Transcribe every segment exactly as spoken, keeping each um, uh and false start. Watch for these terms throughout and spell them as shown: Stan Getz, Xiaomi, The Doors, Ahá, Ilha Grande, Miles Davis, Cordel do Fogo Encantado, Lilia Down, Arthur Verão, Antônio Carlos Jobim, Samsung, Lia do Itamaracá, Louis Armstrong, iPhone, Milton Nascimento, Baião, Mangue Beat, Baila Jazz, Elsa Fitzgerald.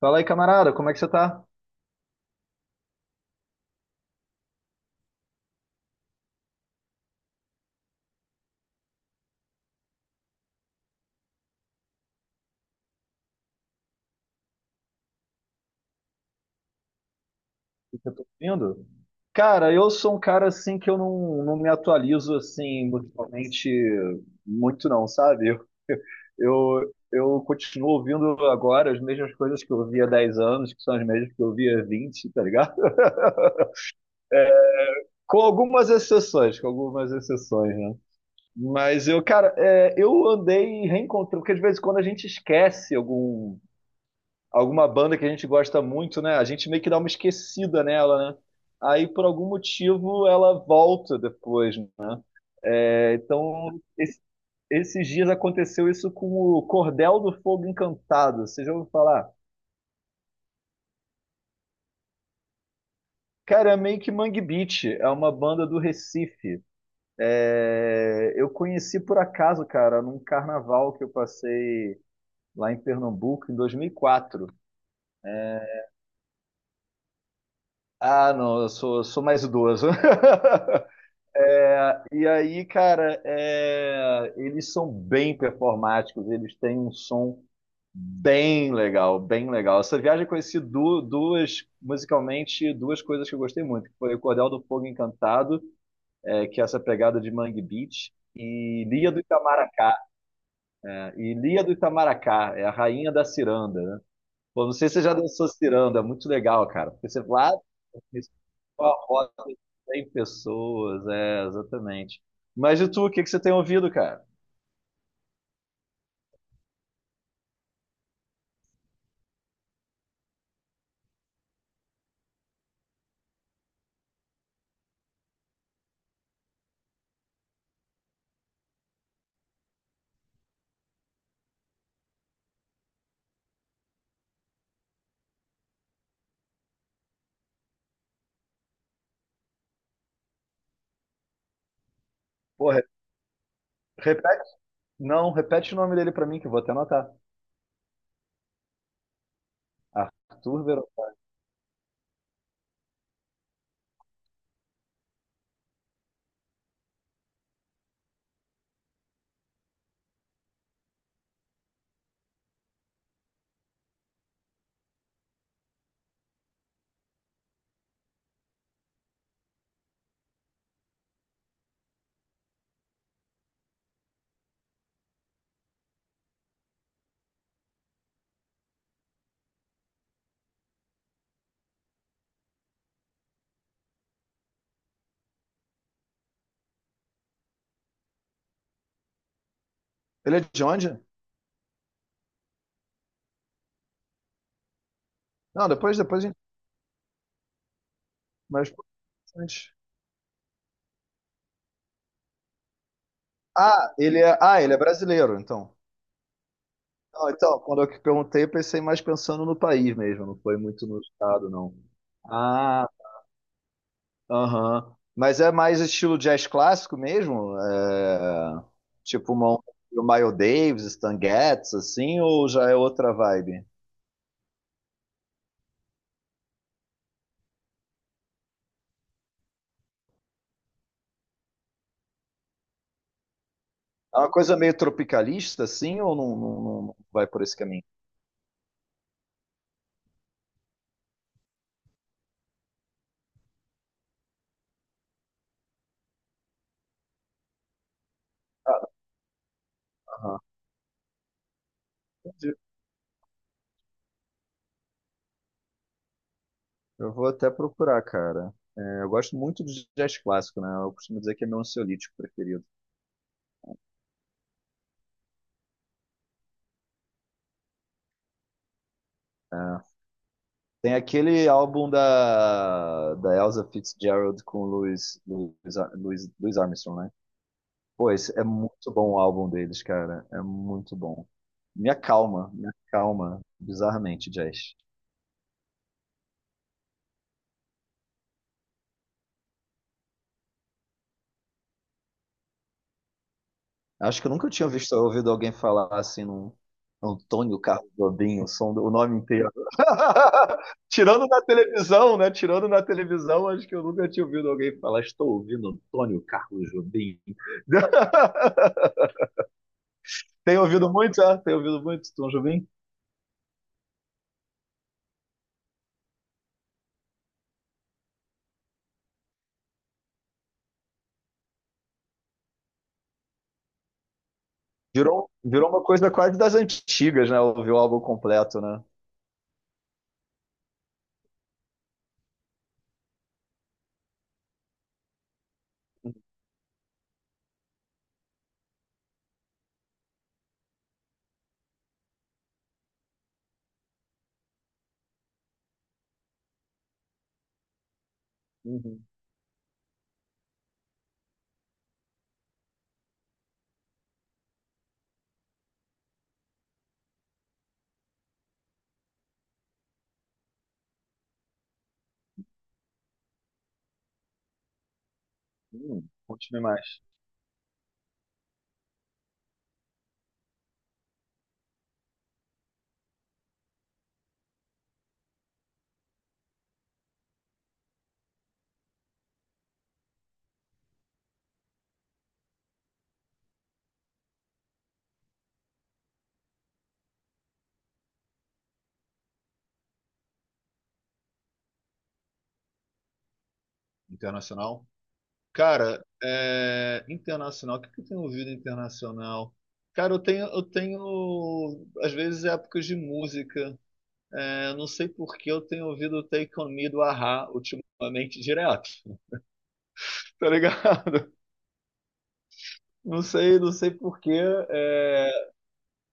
Fala aí, camarada, como é que você tá? O que eu tô ouvindo? Cara, eu sou um cara assim que eu não, não me atualizo assim musicalmente muito não, sabe? Eu, eu, eu continuo ouvindo agora as mesmas coisas que eu ouvia há dez anos, que são as mesmas que eu ouvia há vinte, tá ligado? Com algumas exceções, com algumas exceções, né? Mas eu, cara, é, eu andei reencontrando, porque de vez em quando a gente esquece algum alguma banda que a gente gosta muito, né? A gente meio que dá uma esquecida nela, né? Aí, por algum motivo, ela volta depois, né? É, então, esse- esses dias aconteceu isso com o Cordel do Fogo Encantado. Você já ouviu falar? Cara, é meio que Mangue Beat, é uma banda do Recife. É, eu conheci por acaso, cara, num carnaval que eu passei lá em Pernambuco em dois mil e quatro. Ah, não, eu sou, sou mais idoso. É, e aí, cara, é, eles são bem performáticos, eles têm um som bem legal, bem legal. Essa viagem eu conheci du- duas, musicalmente, duas coisas que eu gostei muito, que foi o Cordel do Fogo Encantado, é, que é essa pegada de Mangue Beach, e Lia do Itamaracá. Né? E Lia do Itamaracá é a rainha da ciranda, né? Pô, não sei se você já dançou ciranda, é muito legal, cara. Porque você vai isso. Uma roda de cem pessoas, é, exatamente. Mas e tu, o que que você tem ouvido, cara? Pô, re- repete, não, repete o nome dele pra mim, que eu vou até anotar. Arthur Verão. Ele é de onde? Não, depois, depois a gente... Mas, pô, antes. Ah, ele é, ah, ele é brasileiro, então. Não, então, quando eu que perguntei, eu pensei mais pensando no país mesmo, não foi muito no estado, não. Ah, aham. Mas é mais estilo jazz clássico mesmo? É, tipo uma, o Miles Davis, Stan Getz, assim, ou já é outra vibe? É uma coisa meio tropicalista, assim, ou não, não- não- não vai por esse caminho? Aham. Entendi. Eu vou até procurar, cara. É, eu gosto muito de jazz clássico, né? Eu costumo dizer que é meu ansiolítico preferido. É. Tem aquele álbum da, da Elsa Fitzgerald com o Louis, Louis, Ar- Louis Louis Armstrong, né? Pô, esse é muito bom o álbum deles, cara. É muito bom. Me acalma, me acalma, bizarramente, jazz. Acho que eu nunca tinha visto, ouvido alguém falar assim num Antônio Carlos Jobim, o som do- o nome inteiro. Tirando na televisão, né? Tirando na televisão, acho que eu nunca tinha ouvido alguém falar, estou ouvindo Antônio Carlos Jobim. Tem ouvido muito, ah? Tem ouvido muito, Tom Jobim? Virou, virou uma coisa quase das antigas, né? Ouvir o álbum completo, né? Uhum. Hum, conte-me mais. Internacional? Cara, é... internacional, o que que eu tenho ouvido internacional? Cara, eu tenho, eu tenho, às vezes, épocas de música. É, não sei por que eu tenho ouvido o Take On Me do Ahá ultimamente direto. Tá ligado? Não sei, não sei por que. É,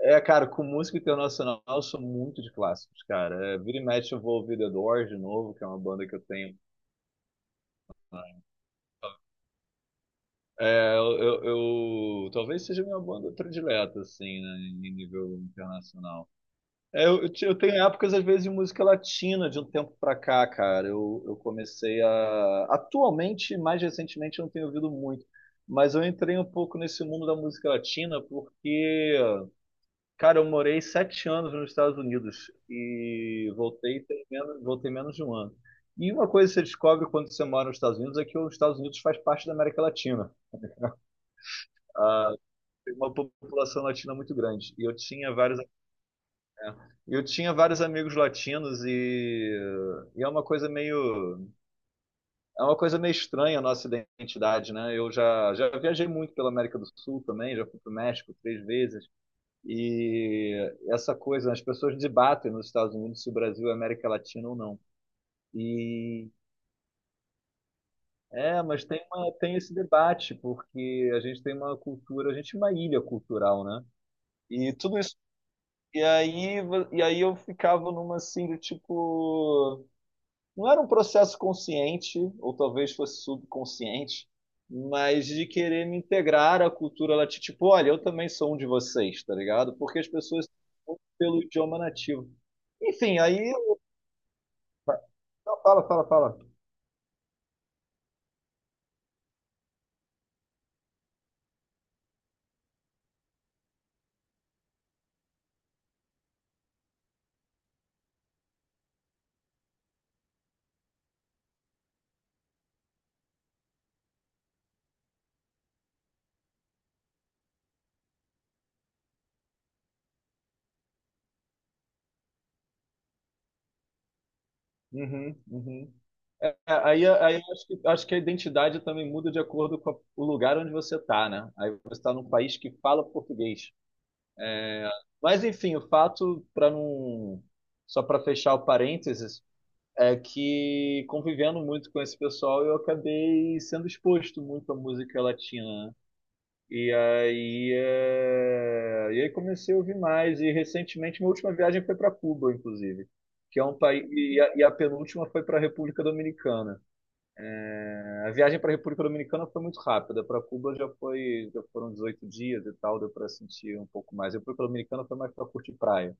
é, cara, com música internacional eu sou muito de clássicos, cara. É, vira e mexe eu vou ouvir The Doors de novo, que é uma banda que eu tenho. É, eu, eu- eu- Talvez seja minha banda predileta, assim, né, em nível internacional. É, eu, eu te- eu tenho épocas, às vezes, de música latina de um tempo pra cá, cara. Eu, eu comecei a. Atualmente, mais recentemente, eu não tenho ouvido muito. Mas eu entrei um pouco nesse mundo da música latina porque, cara, eu morei sete anos nos Estados Unidos e voltei tem menos, voltei menos de um ano. E uma coisa que você descobre quando você mora nos Estados Unidos é que os Estados Unidos faz parte da América Latina. Uma população latina muito grande. E eu tinha vários, eu tinha vários amigos latinos e, e é uma coisa meio, é uma coisa meio estranha a nossa identidade, né? Eu já, já viajei muito pela América do Sul também, já fui para o México três vezes. E essa coisa, as pessoas debatem nos Estados Unidos se o Brasil é América Latina ou não. E é, mas tem uma, tem esse debate, porque a gente tem uma cultura, a gente é uma ilha cultural, né? E tudo isso. E aí, vo- e aí eu ficava numa assim do tipo. Não era um processo consciente, ou talvez fosse subconsciente, mas de querer me integrar à cultura latina. Tipo, olha, eu também sou um de vocês, tá ligado? Porque as pessoas são pelo idioma nativo. Enfim, aí. Não, fala, fala, fala. Uhum, uhum. É, aí, aí eu acho que, acho que a identidade também muda de acordo com a- o lugar onde você tá, né? Aí você está num país que fala português. Mas enfim, o fato, para não. Só para fechar o parênteses, é que convivendo muito com esse pessoal, eu acabei sendo exposto muito à música latina, né? E aí, é, e aí comecei a ouvir mais. E recentemente, minha última viagem foi para Cuba, inclusive, que é um país. E a, e a penúltima foi para a República Dominicana. A viagem para a República Dominicana foi muito rápida. Para Cuba já foi, já foram dezoito dias e tal, deu para sentir um pouco mais. A República Dominicana foi mais para curtir praia.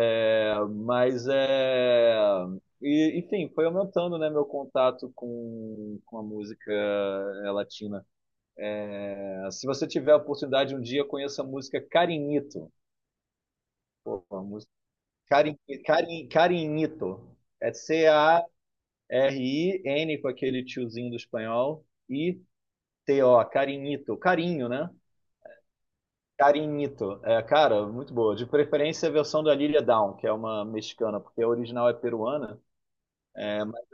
É, mas é. E, enfim, foi aumentando, né, meu contato com, com a música é, latina. É, se você tiver a oportunidade um dia, conheça a música Carinito. Pô, a música Carin, Carin, Carinito. É C A R I N com aquele tiozinho do espanhol e T O, Carinito. Carinho, né? Carinito. É, cara, muito boa. De preferência a versão da Lilia Down, que é uma mexicana, porque a original é peruana. É, mas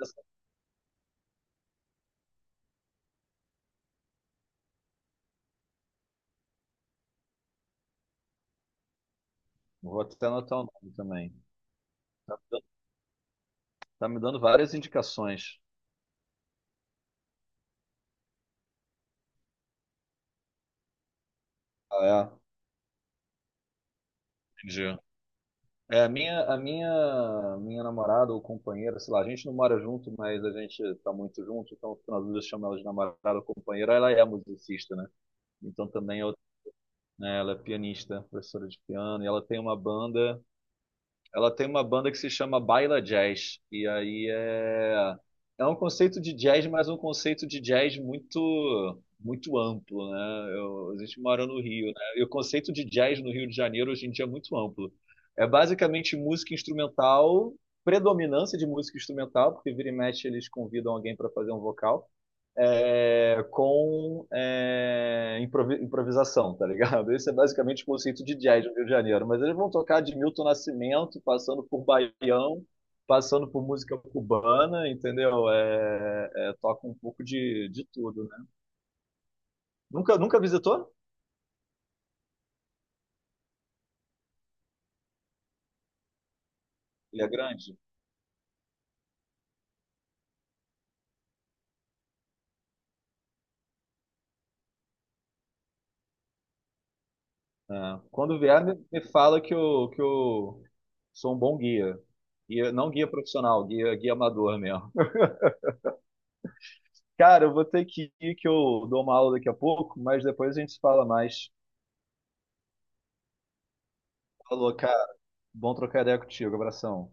Vou até anotar o nome também. Tá me dando várias indicações. Ah, é? Entendi. É, a minha, a minha, minha namorada ou companheira, sei lá, a gente não mora junto, mas a gente tá muito junto, então nas vezes eu chamo ela de namorada ou companheira, ela é musicista, né? Então também eu- né, ela é pianista, professora de piano, e ela tem uma banda. Ela tem uma banda que se chama Baila Jazz. E aí é. É um conceito de jazz, mas um conceito de jazz muito muito amplo, né? Eu, a gente mora no Rio, né? E o conceito de jazz no Rio de Janeiro hoje em dia é muito amplo. É basicamente música instrumental, predominância de música instrumental, porque vira e mexe eles convidam alguém para fazer um vocal é, com é, improvisação, tá ligado? Esse é basicamente o conceito de jazz do Rio de Janeiro. Mas eles vão tocar de Milton Nascimento, passando por Baião, passando por música cubana, entendeu? É, é, toca um pouco de, de tudo, né? Nunca, nunca visitou? Ilha Grande? É. Quando vier, me, me fala que eu, que eu sou um bom guia. Guia, não guia profissional, guia, guia amador mesmo. Cara, eu vou ter que ir, que eu dou uma aula daqui a pouco, mas depois a gente se fala mais. Falou, cara. Bom trocar ideia contigo. Abração.